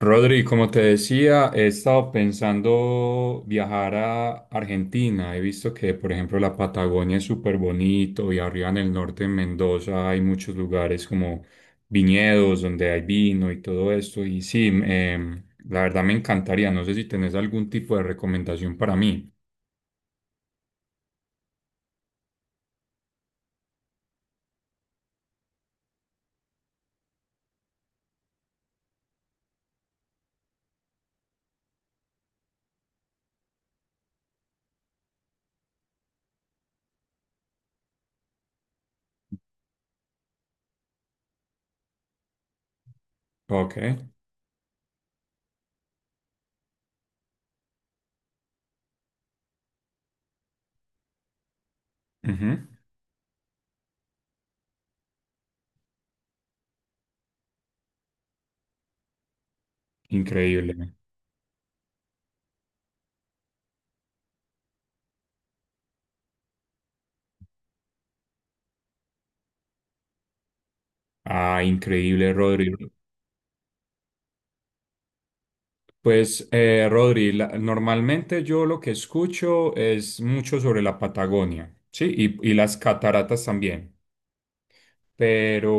Rodri, como te decía, he estado pensando viajar a Argentina. He visto que, por ejemplo, la Patagonia es súper bonito y arriba en el norte, en Mendoza, hay muchos lugares como viñedos donde hay vino y todo esto. Y sí, la verdad me encantaría. No sé si tenés algún tipo de recomendación para mí. Ok. Ujú. Increíble. Ah, increíble, Rodri. Pues, Rodri, normalmente yo lo que escucho es mucho sobre la Patagonia, ¿sí? Y las cataratas también. Pero,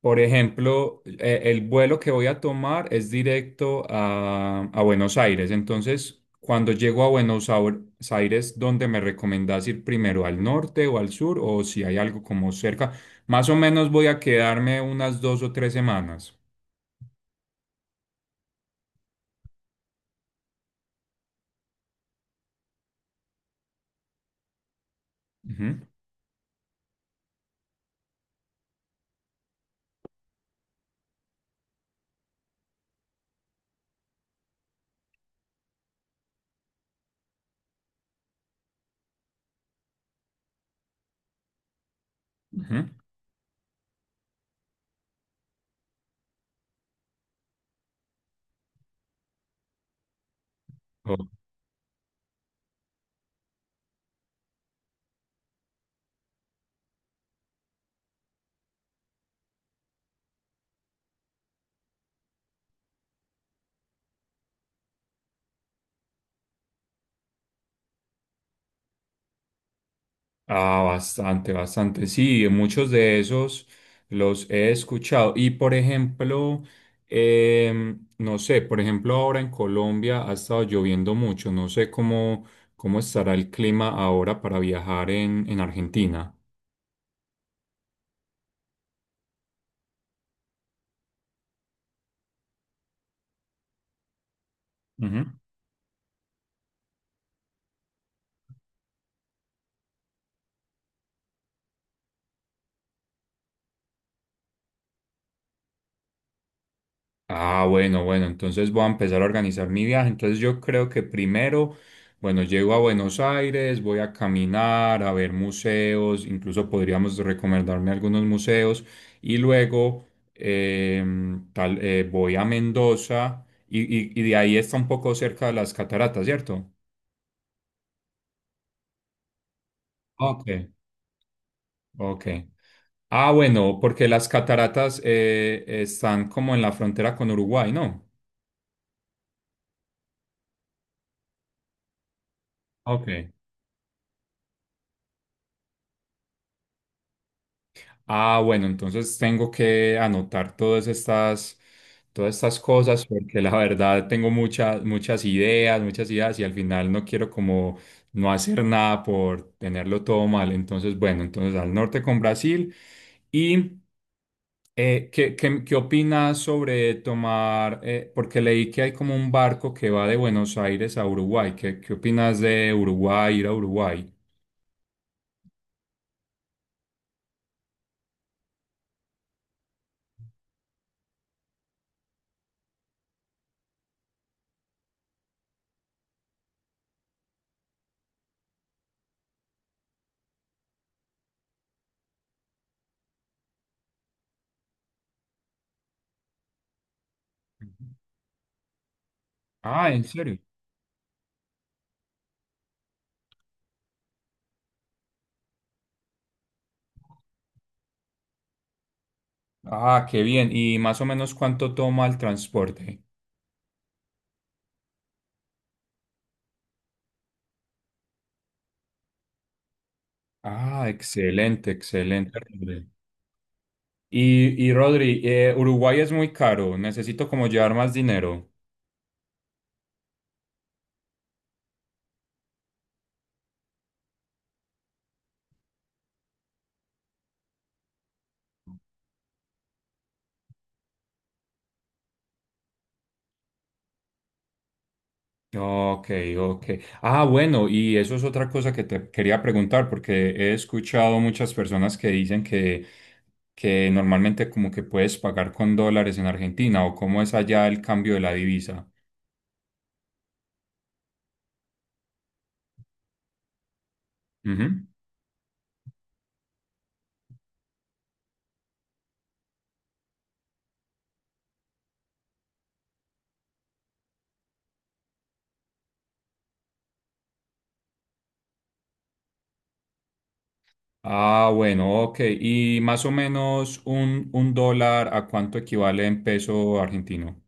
por ejemplo, el vuelo que voy a tomar es directo a Buenos Aires. Entonces, cuando llego a Aires, ¿dónde me recomendás ir primero? ¿Al norte o al sur? O si hay algo como cerca. Más o menos voy a quedarme unas dos o tres semanas. Ujú, ujú. Ah, bastante, bastante. Sí, muchos de esos los he escuchado. Y por ejemplo, no sé, por ejemplo, ahora en Colombia ha estado lloviendo mucho. No sé cómo, cómo estará el clima ahora para viajar en Argentina. Ujú. Ah, bueno, bueno, entonces voy a empezar a organizar mi viaje. Entonces yo creo que primero, bueno, llego a Buenos Aires, voy a caminar, a ver museos, incluso podríamos recomendarme algunos museos y luego voy a Mendoza y, y de ahí está un poco cerca de las cataratas, ¿cierto? Ok, ok. Ah, bueno, porque las cataratas están como en la frontera con Uruguay, ¿no? Ok. Ah, bueno, entonces tengo que anotar todas estas cosas porque la verdad tengo muchas, muchas ideas y al final no quiero como no hacer nada por tenerlo todo mal. Entonces, bueno, entonces al norte con Brasil. ¿Y ¿qué, qué, qué opinas sobre tomar, porque leí que hay como un barco que va de Buenos Aires a Uruguay. ¿Qué, qué opinas de Uruguay, ir a Uruguay? Ah, ¿en serio? Ah, qué bien. ¿Y más o menos cuánto toma el transporte? Ah, excelente, excelente. Rodri. Y Rodri, Uruguay es muy caro. Necesito como llevar más dinero. Ok, ok. Ah, bueno, y eso es otra cosa que te quería preguntar, porque he escuchado muchas personas que dicen que normalmente como que puedes pagar con dólares en Argentina o cómo es allá el cambio de la divisa. Ujú. Ah, bueno, ok. Y más o menos un dólar, ¿a cuánto equivale en peso argentino?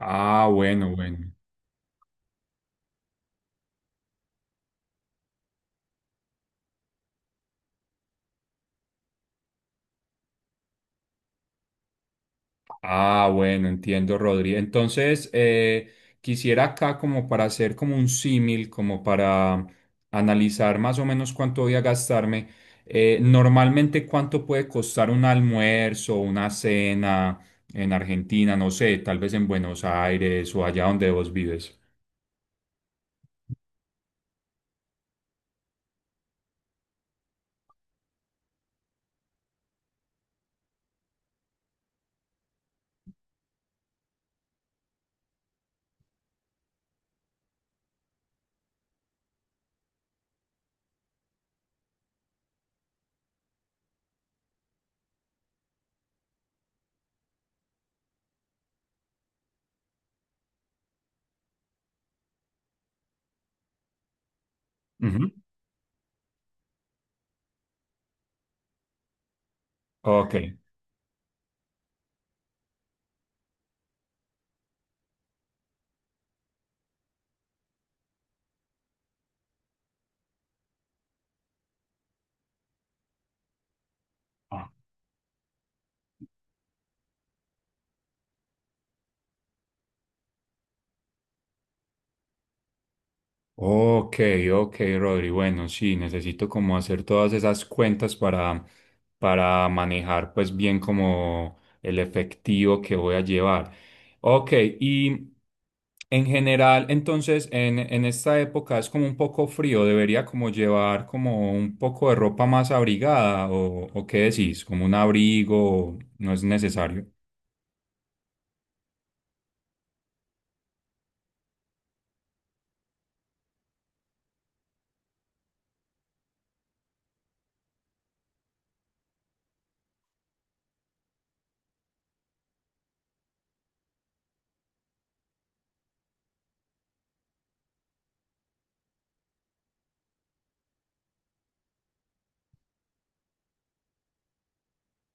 Ah, bueno, bueno. Ah, bueno, entiendo, Rodri. Entonces, quisiera acá como para hacer como un símil, como para analizar más o menos cuánto voy a gastarme. Normalmente, ¿cuánto puede costar un almuerzo, una cena en Argentina? No sé, tal vez en Buenos Aires o allá donde vos vives. Ujú. Ok. Ok, ok, Rodri. Bueno, sí, necesito como hacer todas esas cuentas para manejar pues bien como el efectivo que voy a llevar. Ok, y en general, entonces, en esta época es como un poco frío, debería como llevar como un poco de ropa más abrigada o qué decís, como un abrigo, no es necesario.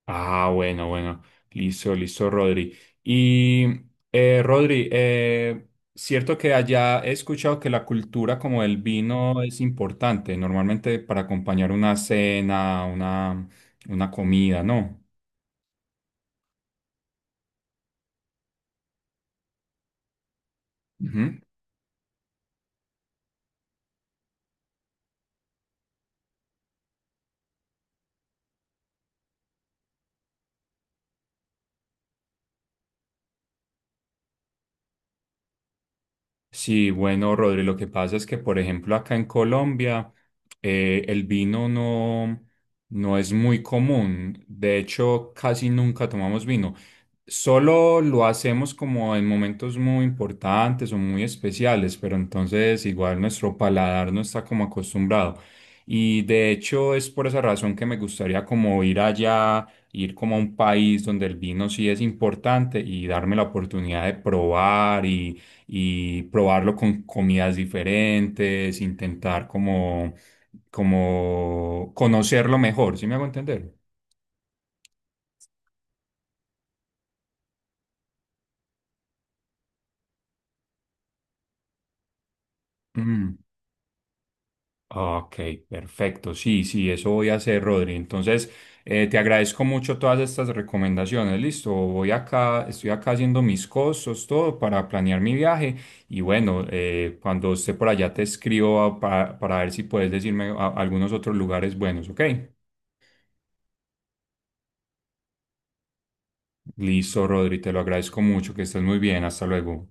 Ah, bueno, bueno. Listo, listo, Rodri. Y Rodri, cierto que allá he escuchado que la cultura como el vino es importante, normalmente para acompañar una cena, una comida, ¿no? Ujú. Sí, bueno, Rodri, lo que pasa es que, por ejemplo, acá en Colombia, el vino no, no es muy común. De hecho, casi nunca tomamos vino. Solo lo hacemos como en momentos muy importantes o muy especiales, pero entonces igual nuestro paladar no está como acostumbrado. Y de hecho es por esa razón que me gustaría como ir allá, ir como a un país donde el vino sí es importante y darme la oportunidad de probar y probarlo con comidas diferentes, intentar como, como conocerlo mejor, ¿sí me hago entender? Mm, ok, perfecto, sí, sí, eso voy a hacer, Rodri. Entonces, te agradezco mucho todas estas recomendaciones, listo, voy acá, estoy acá haciendo mis costos, todo para planear mi viaje y bueno, cuando esté por allá te escribo para ver si puedes decirme algunos otros lugares buenos, ¿ok? Listo, Rodri, te lo agradezco mucho, que estés muy bien, hasta luego.